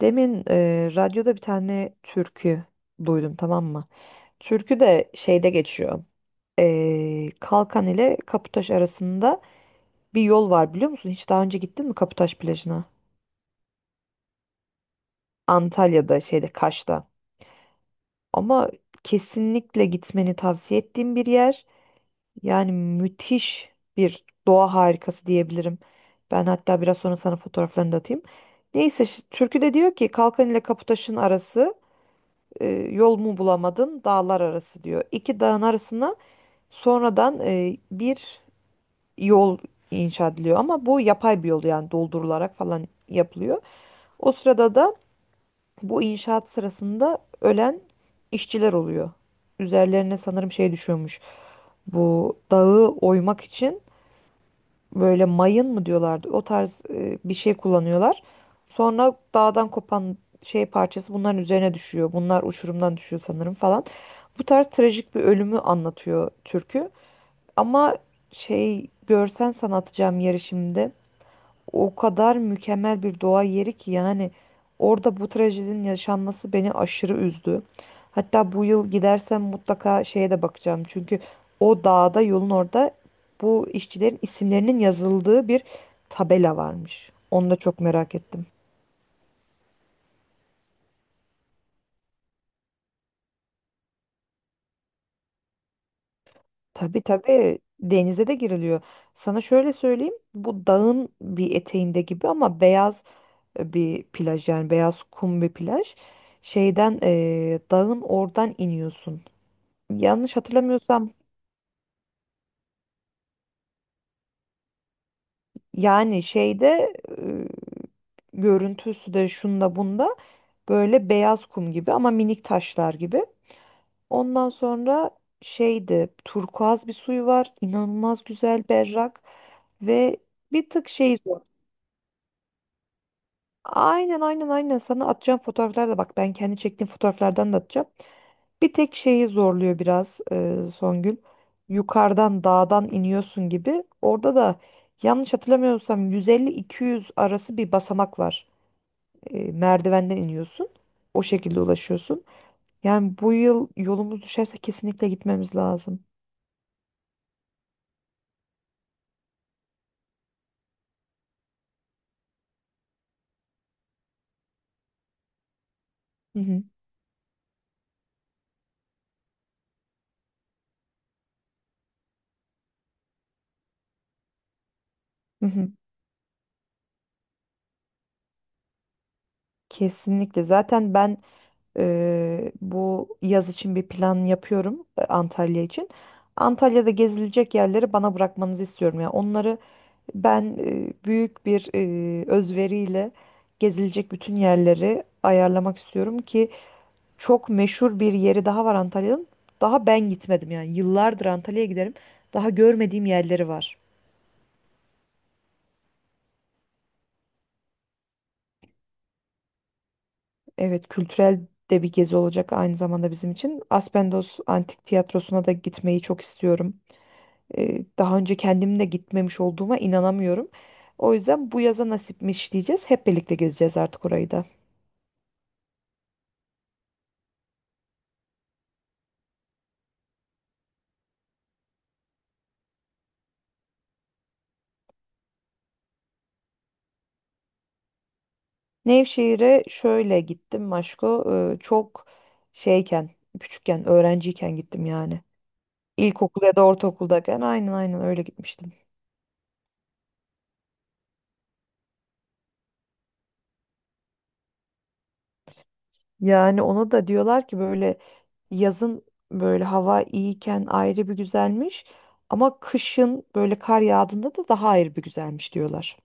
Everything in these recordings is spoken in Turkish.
Demin radyoda bir tane türkü duydum, tamam mı? Türkü de şeyde geçiyor. Kalkan ile Kaputaş arasında bir yol var, biliyor musun? Hiç daha önce gittin mi Kaputaş plajına? Antalya'da şeyde, Kaş'ta. Ama kesinlikle gitmeni tavsiye ettiğim bir yer. Yani müthiş bir doğa harikası diyebilirim. Ben hatta biraz sonra sana fotoğraflarını da atayım. Neyse türkü de diyor ki Kalkan ile Kaputaş'ın arası, E, yol mu bulamadın dağlar arası diyor. İki dağın arasına sonradan bir yol inşa ediliyor ama bu yapay bir yol, yani doldurularak falan yapılıyor. O sırada da bu inşaat sırasında ölen işçiler oluyor. Üzerlerine sanırım şey düşüyormuş. Bu dağı oymak için böyle mayın mı diyorlardı, o tarz bir şey kullanıyorlar. Sonra dağdan kopan şey parçası bunların üzerine düşüyor. Bunlar uçurumdan düşüyor sanırım falan. Bu tarz trajik bir ölümü anlatıyor türkü. Ama şey, görsen sana atacağım yeri şimdi. O kadar mükemmel bir doğa yeri ki yani orada bu trajedinin yaşanması beni aşırı üzdü. Hatta bu yıl gidersem mutlaka şeye de bakacağım. Çünkü o dağda, yolun orada, bu işçilerin isimlerinin yazıldığı bir tabela varmış. Onu da çok merak ettim. Tabii tabii, denize de giriliyor. Sana şöyle söyleyeyim. Bu dağın bir eteğinde gibi ama beyaz bir plaj, yani beyaz kum bir plaj. Şeyden dağın oradan iniyorsun. Yanlış hatırlamıyorsam yani şeyde, e, görüntüsü de şunda bunda böyle beyaz kum gibi ama minik taşlar gibi. Ondan sonra şeydi, turkuaz bir suyu var, inanılmaz güzel, berrak ve bir tık şey zor. Aynen aynen aynen, sana atacağım fotoğraflar da, bak ben kendi çektiğim fotoğraflardan da atacağım. Bir tek şeyi zorluyor biraz, Songül. Yukarıdan dağdan iniyorsun gibi. Orada da yanlış hatırlamıyorsam 150-200 arası bir basamak var. Merdivenden iniyorsun. O şekilde ulaşıyorsun. Yani bu yıl yolumuz düşerse kesinlikle gitmemiz lazım. Hı hı, hı hı. Kesinlikle. Zaten ben bu yaz için bir plan yapıyorum, Antalya için. Antalya'da gezilecek yerleri bana bırakmanızı istiyorum. Yani onları ben büyük bir özveriyle gezilecek bütün yerleri ayarlamak istiyorum, ki çok meşhur bir yeri daha var Antalya'nın. Daha ben gitmedim, yani yıllardır Antalya'ya giderim. Daha görmediğim yerleri var. Evet, kültürel de bir gezi olacak aynı zamanda bizim için. Aspendos Antik Tiyatrosu'na da gitmeyi çok istiyorum. Daha önce kendim de gitmemiş olduğuma inanamıyorum. O yüzden bu yaza nasipmiş diyeceğiz. Hep birlikte gezeceğiz artık orayı da. Nevşehir'e şöyle gittim Maşko. Çok şeyken, küçükken, öğrenciyken gittim yani. İlkokul ya da ortaokuldayken, aynen aynen, öyle gitmiştim. Yani ona da diyorlar ki böyle yazın, böyle hava iyiyken ayrı bir güzelmiş ama kışın böyle kar yağdığında da daha ayrı bir güzelmiş diyorlar.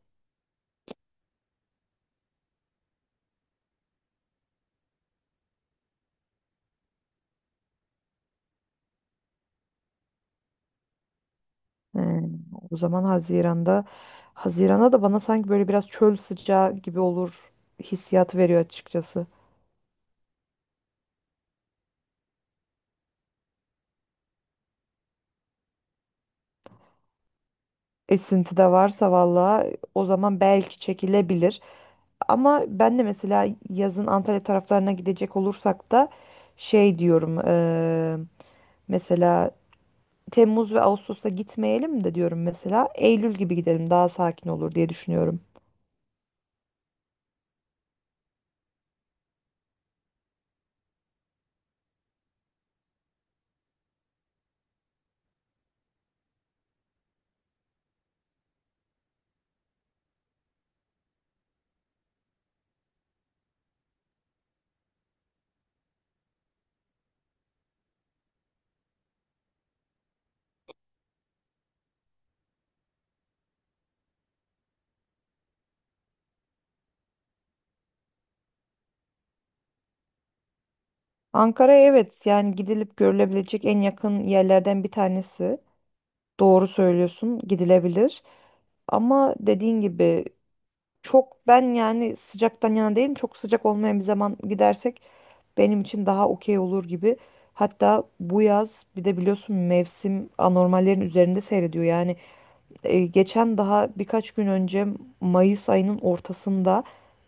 Hmm. O zaman Haziran'da, Haziran'a da bana sanki böyle biraz çöl sıcağı gibi olur hissiyatı veriyor açıkçası. Esinti de varsa valla o zaman belki çekilebilir. Ama ben de mesela yazın Antalya taraflarına gidecek olursak da şey diyorum, mesela Temmuz ve Ağustos'a gitmeyelim de diyorum mesela. Eylül gibi gidelim, daha sakin olur diye düşünüyorum. Ankara, evet, yani gidilip görülebilecek en yakın yerlerden bir tanesi. Doğru söylüyorsun, gidilebilir. Ama dediğin gibi çok, ben yani sıcaktan yana değilim. Çok sıcak olmayan bir zaman gidersek benim için daha okey olur gibi. Hatta bu yaz bir de biliyorsun mevsim anormallerin üzerinde seyrediyor. Yani geçen daha birkaç gün önce, Mayıs ayının ortasında,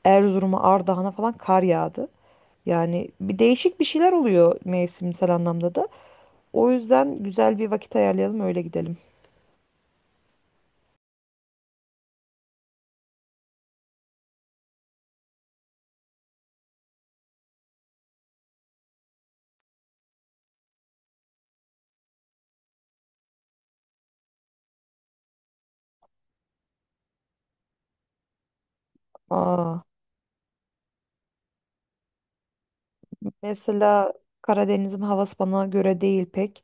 Erzurum'a, Ardahan'a falan kar yağdı. Yani bir değişik bir şeyler oluyor mevsimsel anlamda da. O yüzden güzel bir vakit ayarlayalım, öyle gidelim. Aa, mesela Karadeniz'in havası bana göre değil pek.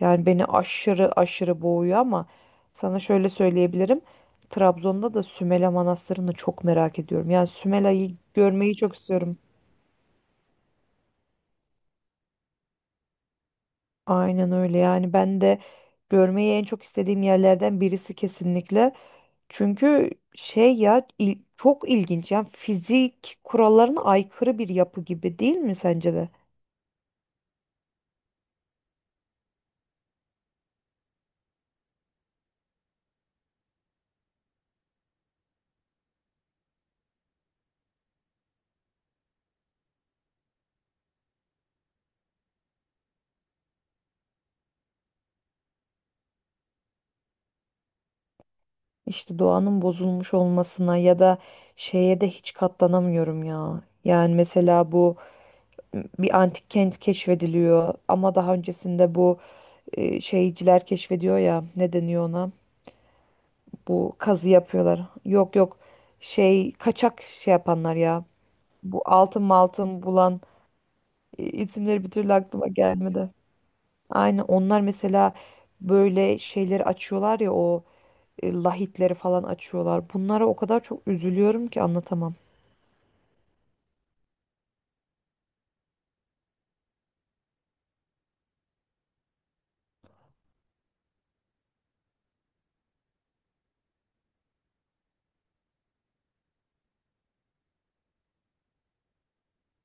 Yani beni aşırı aşırı boğuyor ama sana şöyle söyleyebilirim. Trabzon'da da Sümela Manastırı'nı çok merak ediyorum. Yani Sümela'yı görmeyi çok istiyorum. Aynen öyle, yani ben de görmeyi en çok istediğim yerlerden birisi kesinlikle. Çünkü şey ya, çok ilginç, yani fizik kurallarına aykırı bir yapı gibi, değil mi sence de? İşte doğanın bozulmuş olmasına ya da şeye de hiç katlanamıyorum ya. Yani mesela bu bir antik kent keşfediliyor ama daha öncesinde bu şeyciler keşfediyor ya, ne deniyor ona? Bu kazı yapıyorlar. Yok yok, şey kaçak şey yapanlar ya. Bu altın maltın bulan, isimleri bir türlü aklıma gelmedi. Aynen onlar, mesela böyle şeyleri açıyorlar ya, o lahitleri falan açıyorlar. Bunlara o kadar çok üzülüyorum ki anlatamam.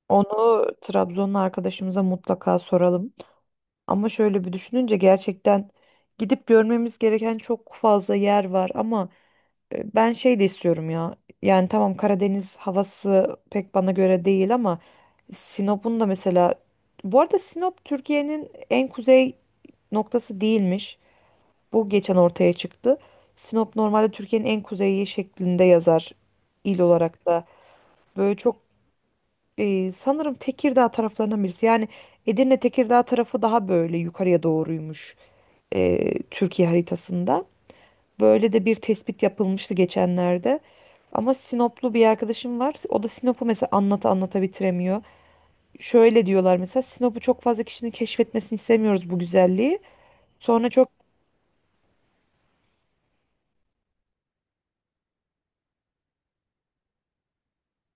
Onu Trabzonlu arkadaşımıza mutlaka soralım. Ama şöyle bir düşününce gerçekten gidip görmemiz gereken çok fazla yer var, ama ben şey de istiyorum ya. Yani tamam, Karadeniz havası pek bana göre değil ama Sinop'un da mesela, bu arada Sinop Türkiye'nin en kuzey noktası değilmiş. Bu geçen ortaya çıktı. Sinop normalde Türkiye'nin en kuzeyi şeklinde yazar, il olarak da. Böyle çok sanırım Tekirdağ taraflarından birisi. Yani Edirne, Tekirdağ tarafı daha böyle yukarıya doğruymuş, Türkiye haritasında. Böyle de bir tespit yapılmıştı geçenlerde. Ama Sinoplu bir arkadaşım var. O da Sinop'u mesela anlata anlata bitiremiyor. Şöyle diyorlar mesela, Sinop'u çok fazla kişinin keşfetmesini istemiyoruz bu güzelliği. Sonra çok,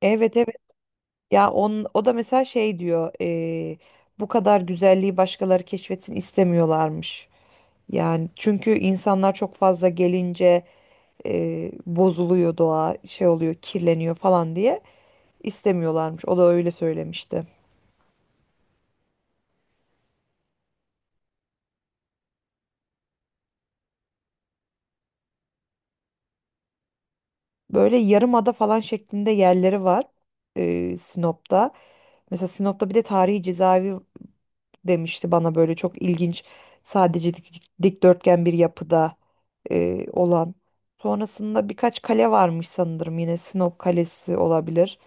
evet evet ya, o da mesela şey diyor, bu kadar güzelliği başkaları keşfetsin istemiyorlarmış. Yani çünkü insanlar çok fazla gelince bozuluyor doğa, şey oluyor, kirleniyor falan diye istemiyorlarmış. O da öyle söylemişti. Böyle yarımada falan şeklinde yerleri var, Sinop'ta. Mesela Sinop'ta bir de tarihi cezaevi demişti bana, böyle çok ilginç, sadece dikdörtgen bir yapıda olan. Sonrasında birkaç kale varmış, sanırım yine Sinop Kalesi olabilir.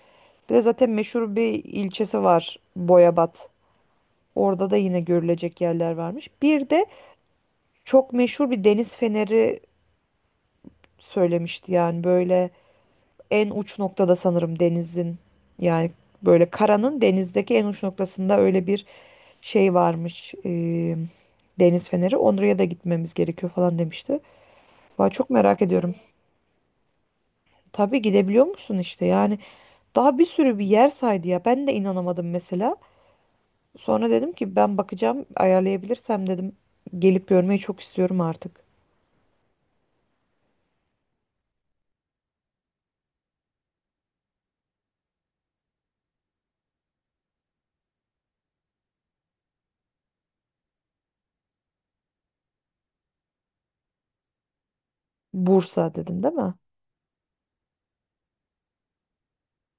Bir de zaten meşhur bir ilçesi var, Boyabat. Orada da yine görülecek yerler varmış. Bir de çok meşhur bir deniz feneri söylemişti, yani böyle en uç noktada, sanırım denizin, yani böyle karanın denizdeki en uç noktasında öyle bir şey varmış. Deniz feneri. Oraya da gitmemiz gerekiyor falan demişti. Vay, çok merak ediyorum. Tabii, gidebiliyor musun işte, yani daha bir sürü bir yer saydı ya, ben de inanamadım mesela. Sonra dedim ki ben bakacağım, ayarlayabilirsem dedim, gelip görmeyi çok istiyorum artık. Bursa dedin değil mi?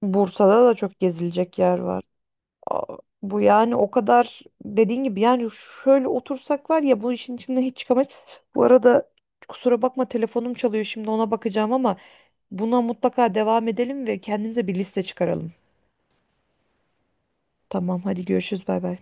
Bursa'da da çok gezilecek yer var. Aa, bu yani o kadar dediğin gibi yani, şöyle otursak var ya, bu işin içinden hiç çıkamayız. Bu arada kusura bakma, telefonum çalıyor, şimdi ona bakacağım ama buna mutlaka devam edelim ve kendimize bir liste çıkaralım. Tamam, hadi görüşürüz, bay bay.